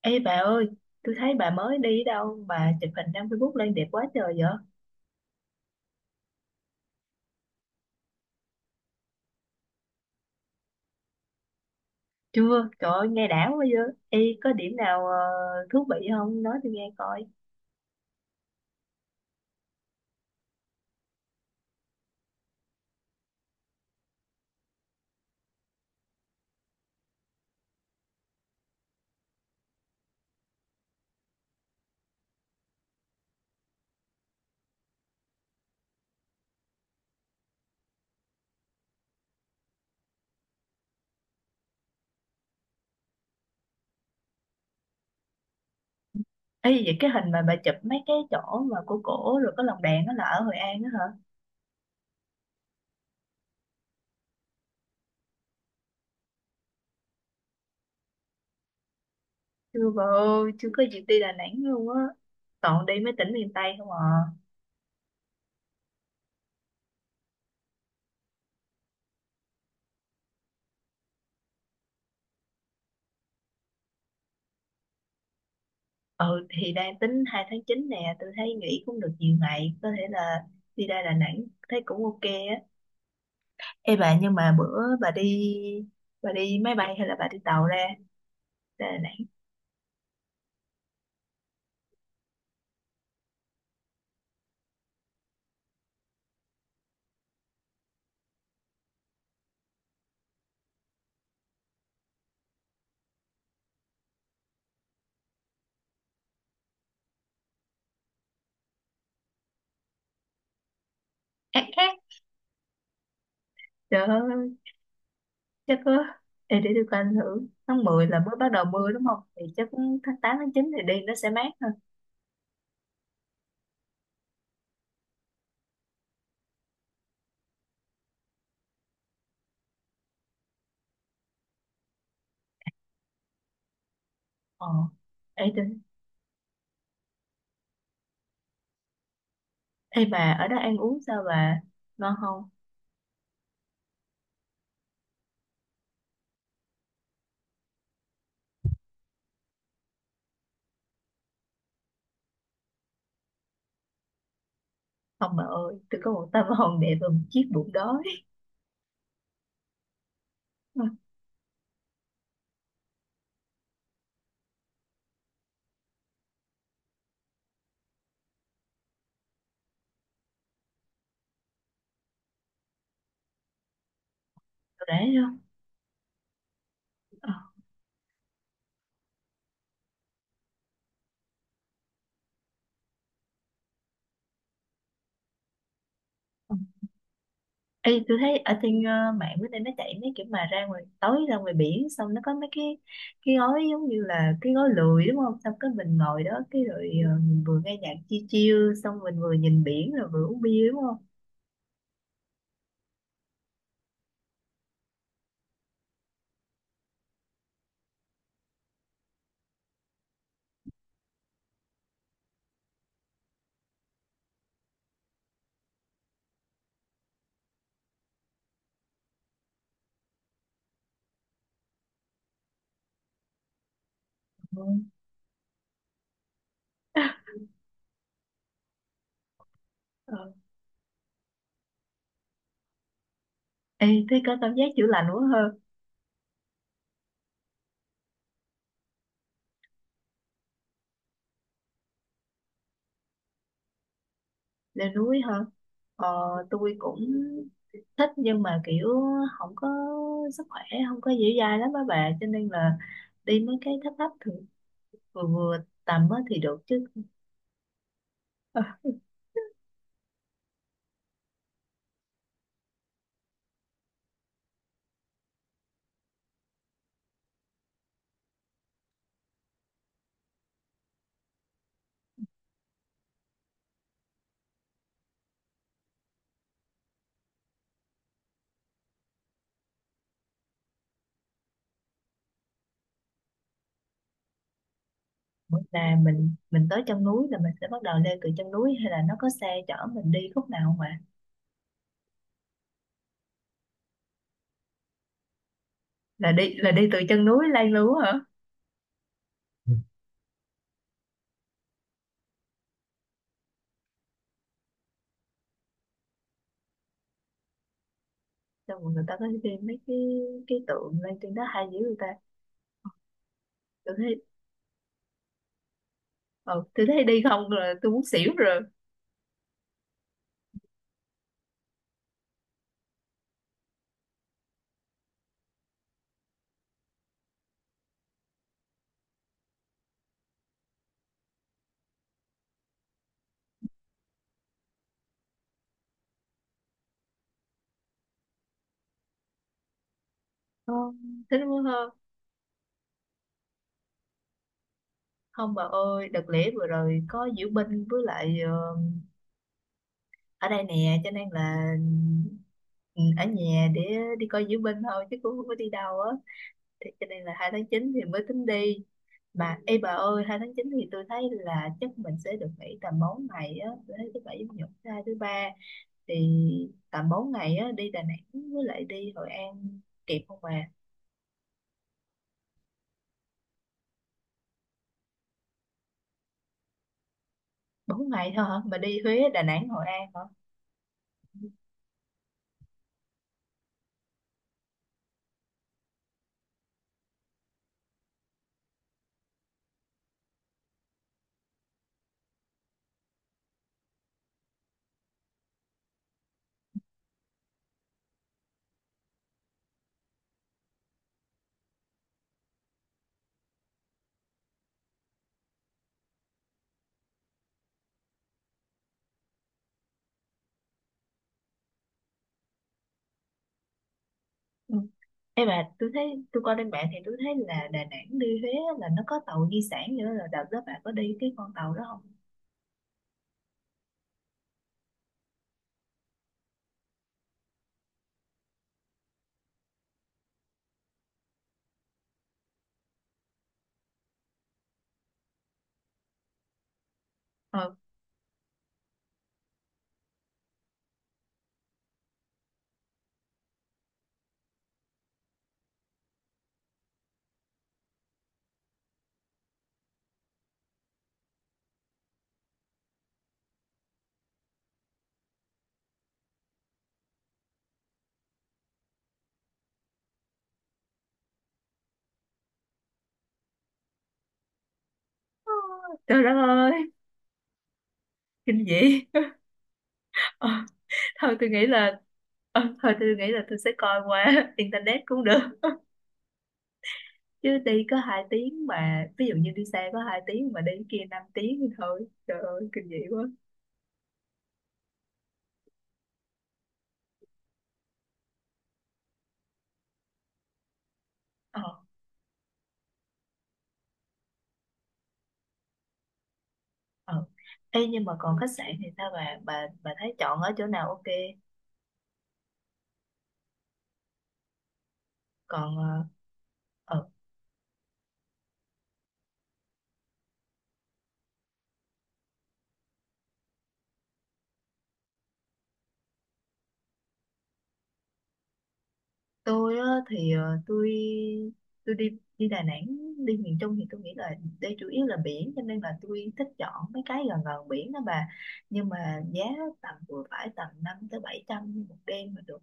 Ê bà ơi, tôi thấy bà mới đi đâu. Bà chụp hình đăng Facebook lên đẹp quá trời vậy? Chưa, trời ơi, nghe đã quá vậy. Ê, có điểm nào thú vị không? Nói tôi nghe coi. Ê, vậy cái hình mà bà chụp mấy cái chỗ mà cổ cổ rồi có lồng đèn đó là ở Hội An đó hả? Chưa bà ơi, chưa có dịp đi Đà Nẵng luôn á. Toàn đi mấy tỉnh miền Tây không à. Ừ, thì đang tính 2/9 nè, tôi thấy nghỉ cũng được nhiều ngày. Có thể là đi ra Đà Nẵng, thấy cũng ok á. Ê bà, nhưng mà bữa bà đi máy bay hay là bà đi tàu ra Đà Nẵng. Ác ác, trời ơi, chắc có. Ê, để tôi coi ảnh thử, tháng 10 là mới bắt đầu mưa đúng không, thì chắc tháng 8 tháng 9 thì đi nó sẽ mát hơn ờ Ê, tôi... Ê bà, ở đó ăn uống sao bà, ngon không? Không bà ơi, tôi có một tâm hồn đẹp và một chiếc bụng đói. Ừ, rẻ không? Ờ. Ê, tôi thấy ở trên mạng bữa nay nó chạy mấy kiểu mà ra ngoài, tối ra ngoài biển, xong nó có mấy cái gói giống như là cái gói lười đúng không, xong cái mình ngồi đó cái rồi mình vừa nghe nhạc chill chill xong mình vừa nhìn biển rồi vừa uống bia đúng không? Ừ. Ờ. Ê, thế có cảm giác chữa lành quá hơn. Lên núi hơn, ờ, tôi cũng thích, nhưng mà kiểu không có sức khỏe, không có dẻo dai lắm á bà, cho nên là đi mấy cái thấp thấp, thường vừa vừa tầm á thì được chứ. Là mình tới chân núi là mình sẽ bắt đầu leo từ chân núi, hay là nó có xe chở mình đi khúc nào không ạ? Là đi từ chân núi lên luôn á hả? Xong rồi người ta có đi mấy cái tượng lên trên đó hay dữ, người ta... tôi thấy ờ, tôi thấy đi không là tôi muốn xỉu rồi. Không, thế nó muốn... Không bà ơi, đợt lễ vừa rồi có diễu binh với lại ở đây nè, cho nên là ừ, ở nhà để đi coi diễu binh thôi chứ cũng không có đi đâu á, thì cho nên là 2/9 thì mới tính đi. Mà ê bà ơi, 2/9 thì tôi thấy là chắc mình sẽ được nghỉ tầm 4 ngày á, tôi thấy thứ bảy chủ nhật thứ hai thứ ba, thì tầm 4 ngày á đi Đà Nẵng với lại đi Hội An kịp không bà? Bốn ngày thôi hả mà đi Huế Đà Nẵng Hội An hả? Ừ. Ê bà, tôi thấy tôi coi trên mạng thì tôi thấy là Đà Nẵng đi Huế á, là nó có tàu di sản nữa, là đợt đó bà có đi cái con tàu đó không? Ờ, trời đất ơi, kinh dị. Ờ, thôi tôi nghĩ là ờ, thôi tôi nghĩ là tôi sẽ coi qua internet cũng được, chứ đi có 2 tiếng, mà ví dụ như đi xe có 2 tiếng mà đi cái kia 5 tiếng thì thôi, trời ơi, kinh dị quá. Ờ. Ờ. Ê, nhưng mà còn khách sạn thì sao bà, bà thấy chọn ở chỗ nào ok, còn ờ tôi á, thì tôi đi đi Đà Nẵng, đi miền Trung thì tôi nghĩ là đây chủ yếu là biển, cho nên là tôi thích chọn mấy cái gần gần biển đó bà, nhưng mà giá tầm vừa phải, tầm năm tới bảy trăm một đêm mà được.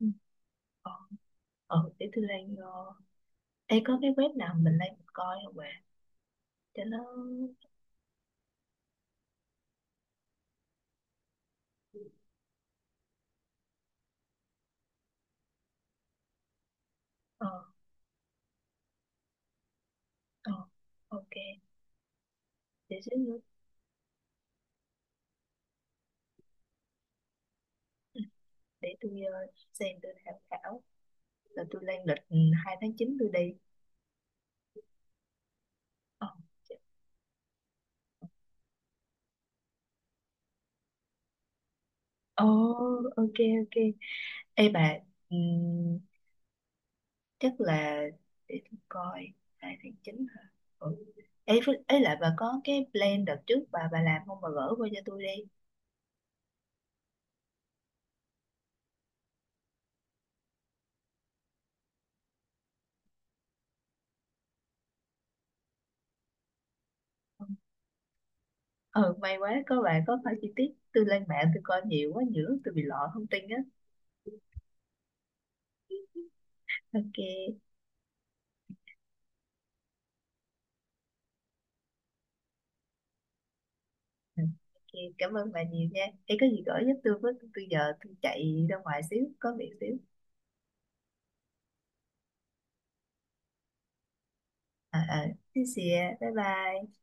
Ừ. ờ, để tôi đang... Ê, có cái web nào mình lên mình coi không bạn? Cho nó... Ờ, ờ, ok. Để xíu nữa, để tôi xem tôi tham khảo. Rồi tôi lên lịch 2 tháng chín tôi đi. Ờ. Ồ, ok, ok. Ê bà, ừm, chắc là để tôi coi 2/9 hả? Ừ. Ê, ấy lại bà có cái plan đợt trước bà làm không, bà gửi qua cho tôi đi. Ừ. Ừ, may quá có bà có phải chi tiết. Tôi lên mạng tôi coi nhiều quá, nhiều lúc tôi bị lọ thông tin á. Ok. Ừ. Ok, cảm ơn bà nhiều nha. Em có gì gửi giúp tôi với, tôi giờ tôi chạy ra ngoài xíu, có việc xíu. À, à, xin bye bye.